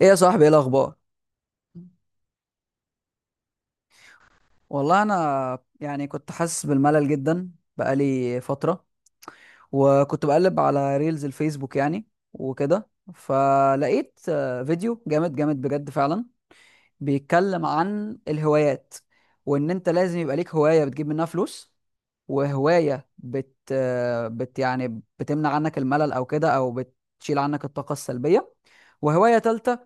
ايه يا صاحبي، ايه الاخبار؟ والله انا يعني كنت حاسس بالملل جدا، بقالي فتره. وكنت بقلب على ريلز الفيسبوك يعني وكده، فلقيت فيديو جامد جامد بجد فعلا، بيتكلم عن الهوايات، وان انت لازم يبقى ليك هوايه بتجيب منها فلوس، وهوايه بت يعني بتمنع عنك الملل او كده، او بتشيل عنك الطاقه السلبيه، وهوايه تالته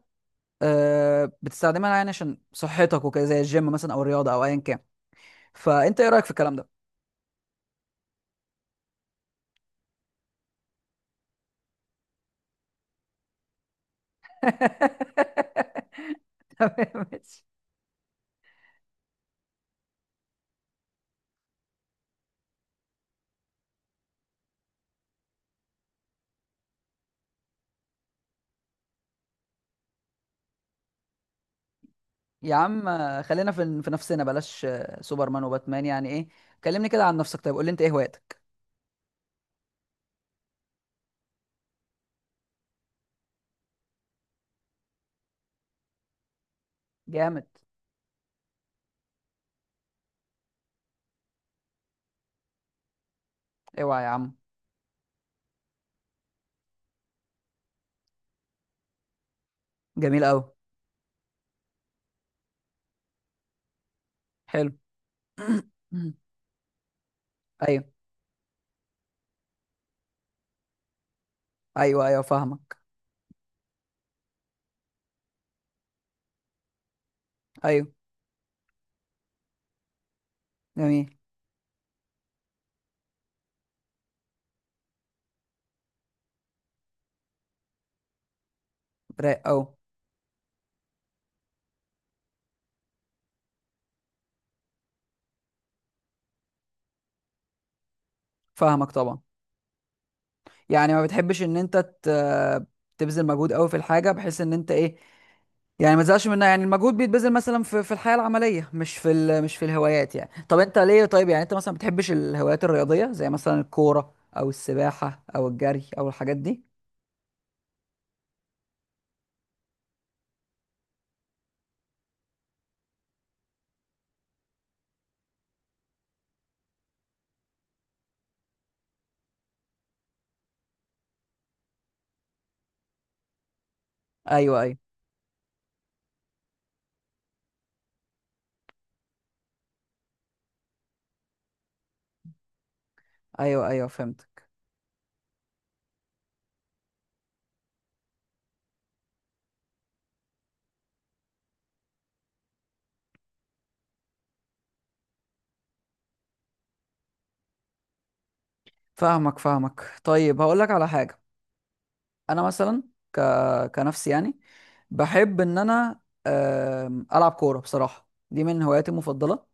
بتستخدمها يعني عشان صحتك وكده، زي الجيم مثلا او الرياضه او ايا كان. فانت ايه رايك في الكلام ده؟ تمام ماشي. يا عم خلينا في نفسنا، بلاش سوبرمان وباتمان يعني ايه. كلمني كده عن نفسك، طيب قول لي انت ايه هواياتك؟ جامد. اوعى يا عم. جميل قوي. حلو. ايوه، ايوه. ايوه فاهمك. ايوه. جميل. رايق قوي. فاهمك طبعا. يعني ما بتحبش ان انت ت- تبذل مجهود قوي في الحاجه بحيث ان انت ايه، يعني ما تزهقش منها. يعني المجهود بيتبذل مثلا في الحياه العمليه، مش في الهوايات يعني. طب انت ليه طيب؟ يعني انت مثلا ما بتحبش الهوايات الرياضيه زي مثلا الكوره او السباحه او الجري او الحاجات دي؟ ايوه، ايوه. ايوه، ايوه فهمتك. فاهمك فاهمك. طيب هقول لك على حاجه. انا مثلا ك... كنفسي يعني بحب ان انا العب كوره. بصراحه دي من هواياتي المفضله.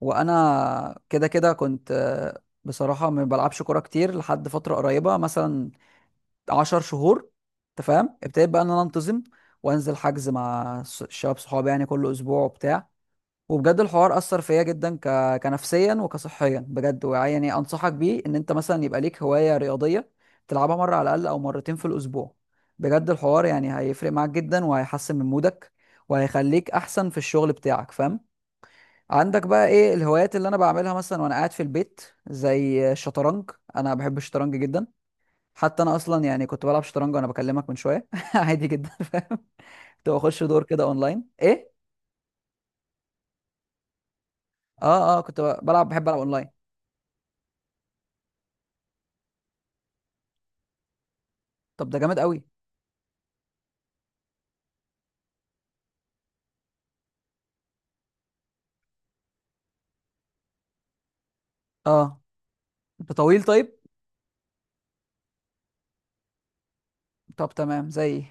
وانا كده كده كنت بصراحه ما بلعبش كوره كتير، لحد فتره قريبه مثلا 10 شهور. انت فاهم؟ ابتديت بقى ان انا انتظم وانزل حجز مع الشباب صحابي يعني كل اسبوع وبتاع. وبجد الحوار اثر فيا جدا، كنفسيا وكصحيا، بجد. ويعني انصحك بيه، ان انت مثلا يبقى ليك هوايه رياضيه تلعبها مره على الاقل او مرتين في الاسبوع. بجد الحوار يعني هيفرق معاك جدا، وهيحسن من مودك، وهيخليك احسن في الشغل بتاعك، فاهم؟ عندك بقى ايه الهوايات اللي انا بعملها مثلا وانا قاعد في البيت؟ زي الشطرنج، انا بحب الشطرنج جدا. حتى انا اصلا يعني كنت بلعب شطرنج وانا بكلمك من شويه عادي جدا، فاهم؟ كنت بخش دور كده اونلاين ايه. اه اه، كنت بلعب، بحب العب اونلاين. طب ده جامد قوي. اه. انت طويل طيب؟ طب تمام زي.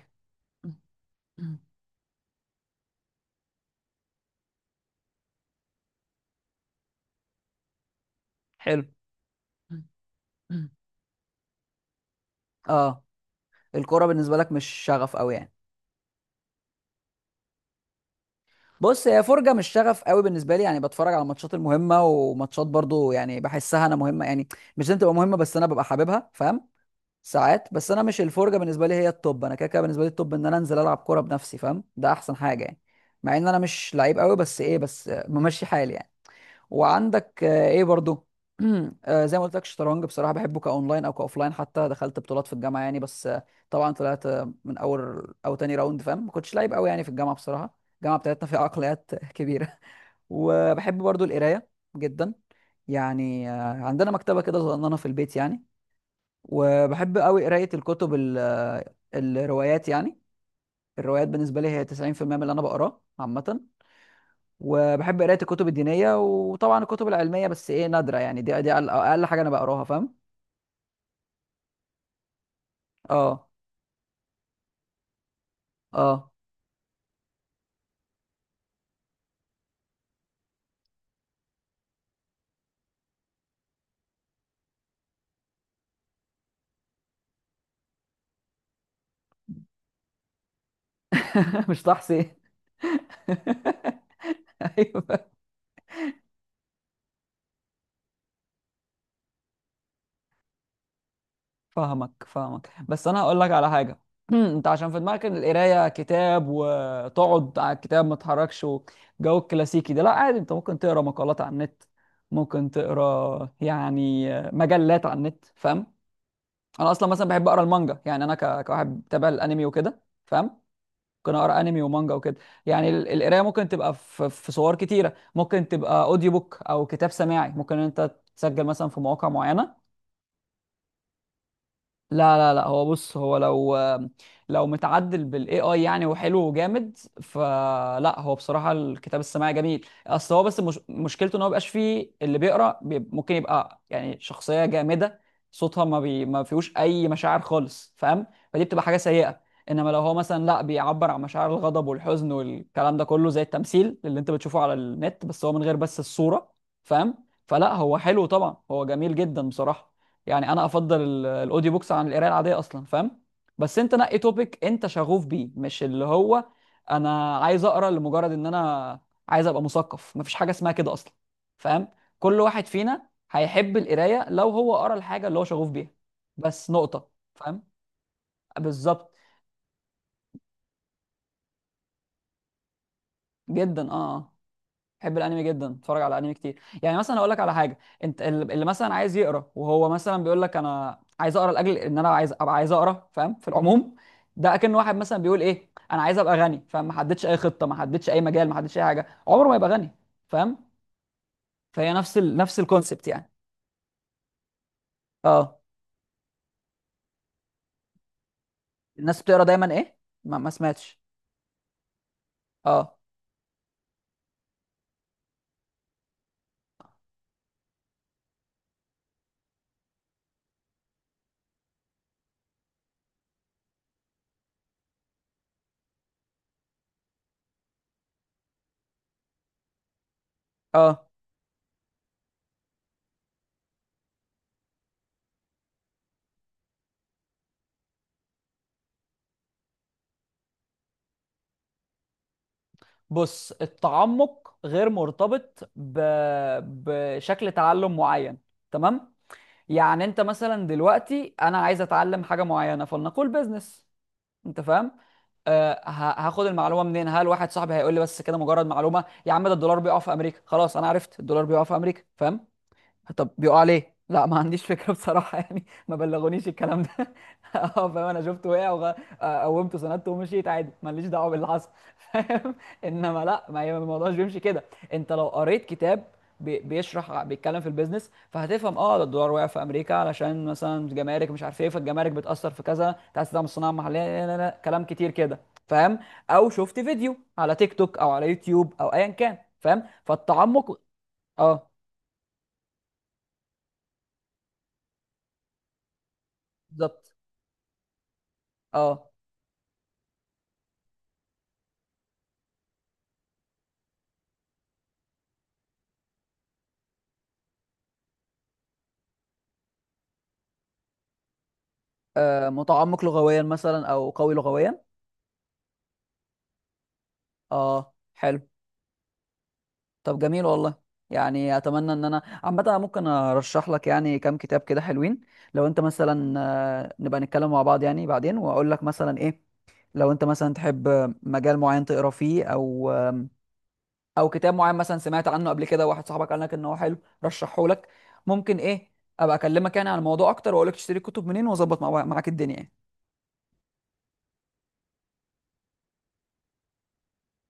حلو. اه. الكوره بالنسبه لك مش شغف قوي يعني؟ بص هي فرجه، مش شغف قوي بالنسبه لي. يعني بتفرج على الماتشات المهمه، وماتشات برضو يعني بحسها انا مهمه يعني، مش لازم تبقى مهمه بس انا ببقى حاببها، فاهم؟ ساعات. بس انا مش الفرجه بالنسبه لي هي التوب، انا كده كده بالنسبه لي التوب ان انا انزل العب كوره بنفسي، فاهم؟ ده احسن حاجه يعني. مع ان انا مش لعيب قوي بس ايه، بس ممشي حالي يعني. وعندك ايه برضو؟ زي ما قلت لك الشطرنج بصراحه بحبه كاونلاين او كاوفلاين. حتى دخلت بطولات في الجامعه يعني، بس طبعا طلعت من اول او تاني راوند، فاهم؟ ما كنتش لعيب قوي يعني في الجامعه، بصراحه الجامعه بتاعتنا فيها عقليات كبيره. وبحب برضو القرايه جدا. يعني عندنا مكتبه كده صغننه في البيت يعني. وبحب قوي قرايه الكتب الروايات يعني. الروايات بالنسبه لي هي 90% من اللي انا بقراه عامه. وبحب قرايه الكتب الدينيه، وطبعا الكتب العلميه بس ايه نادره يعني، دي اقل أقل حاجه انا بقراها، فاهم؟ اه اه. مش تحصي. ايوه فاهمك فاهمك. بس انا هقول لك على حاجه. انت عشان في دماغك إن القرايه كتاب وتقعد على الكتاب ما تتحركش، وجو الكلاسيكي ده، لا عادي، انت ممكن تقرا مقالات على النت، ممكن تقرا يعني مجلات على النت، فاهم؟ انا اصلا مثلا بحب اقرا المانجا يعني. انا كواحد بتابع الانمي وكده، فاهم؟ ممكن اقرا انمي ومانجا وكده. يعني القرايه ممكن تبقى في صور كتيره. ممكن تبقى اوديو بوك او كتاب سماعي، ممكن إن انت تسجل مثلا في مواقع معينه. لا لا لا، هو بص، هو لو متعدل بالاي اي يعني وحلو وجامد، فلا هو بصراحه الكتاب السماعي جميل. اصل هو بس مش مشكلته ان هو مبيبقاش فيه اللي بيقرا بي ممكن يبقى يعني شخصيه جامده صوتها ما بي ما فيهوش اي مشاعر خالص، فاهم؟ فدي بتبقى حاجه سيئه. انما لو هو مثلا لا، بيعبر عن مشاعر الغضب والحزن والكلام ده كله زي التمثيل اللي انت بتشوفه على النت، بس هو من غير بس الصوره، فاهم؟ فلا هو حلو طبعا، هو جميل جدا بصراحه. يعني انا افضل الاوديو بوكس عن القرايه العاديه اصلا، فاهم؟ بس انت نقي توبيك انت شغوف بيه، مش اللي هو انا عايز اقرا لمجرد ان انا عايز ابقى مثقف. مفيش حاجه اسمها كده اصلا، فاهم؟ كل واحد فينا هيحب القرايه لو هو قرا الحاجه اللي هو شغوف بيها. بس نقطه، فاهم؟ بالظبط. جدا اه آه. بحب الانمي جدا، اتفرج على انمي كتير يعني. مثلا اقول لك على حاجه. انت اللي مثلا عايز يقرا وهو مثلا بيقول لك انا عايز اقرا لاجل ان انا عايز ابقى عايز اقرا، فاهم؟ في العموم ده اكن واحد مثلا بيقول ايه، انا عايز ابقى غني، فاهم؟ ما حددش اي خطه، ما حددش اي مجال، ما حددش اي حاجه، عمره ما يبقى غني، فاهم؟ فهي نفس نفس الكونسبت يعني. اه الناس بتقرا دايما ايه، ما سمعتش. اه اه. بص التعمق غير مرتبط ب بشكل تعلم معين، تمام؟ يعني انت مثلا دلوقتي انا عايز اتعلم حاجه معينه، فلنقول بيزنس، انت فاهم؟ أه هاخد المعلومه منين؟ هل واحد صاحبي هيقول لي بس كده مجرد معلومه، يا عم ده الدولار بيقع في امريكا، خلاص انا عرفت الدولار بيقع في امريكا، فاهم؟ طب بيقع عليه؟ لا ما عنديش فكره بصراحه يعني ما بلغونيش الكلام ده اه، فاهم؟ انا شفته وقع قومته سندته ومشيت عادي، ماليش دعوه باللي حصل فاهم؟ انما لا، ما هي الموضوع مش بيمشي كده. انت لو قريت كتاب بيشرح، بيتكلم في البيزنس، فهتفهم اه ده الدولار وقع في امريكا علشان مثلا جمارك مش عارف ايه، فالجمارك بتاثر في كذا، تاسيس الصناعه المحليه، لا لا لا كلام كتير كده، فاهم؟ او شفت فيديو على تيك توك او على يوتيوب او ايا كان، فاهم؟ فالتعمق اه، بالظبط. اه متعمق لغويا مثلا او قوي لغويا. اه حلو. طب جميل والله. يعني اتمنى ان انا عامه أنا ممكن ارشح لك يعني كام كتاب كده حلوين. لو انت مثلا نبقى نتكلم مع بعض يعني بعدين، واقول لك مثلا ايه. لو انت مثلا تحب مجال معين تقرا فيه، او او كتاب معين مثلا سمعت عنه قبل كده واحد صاحبك قال لك ان هو حلو رشحه لك، ممكن ايه ابقى اكلمك يعني عن الموضوع اكتر، واقول لك تشتري الكتب منين واظبط معاك الدنيا يعني.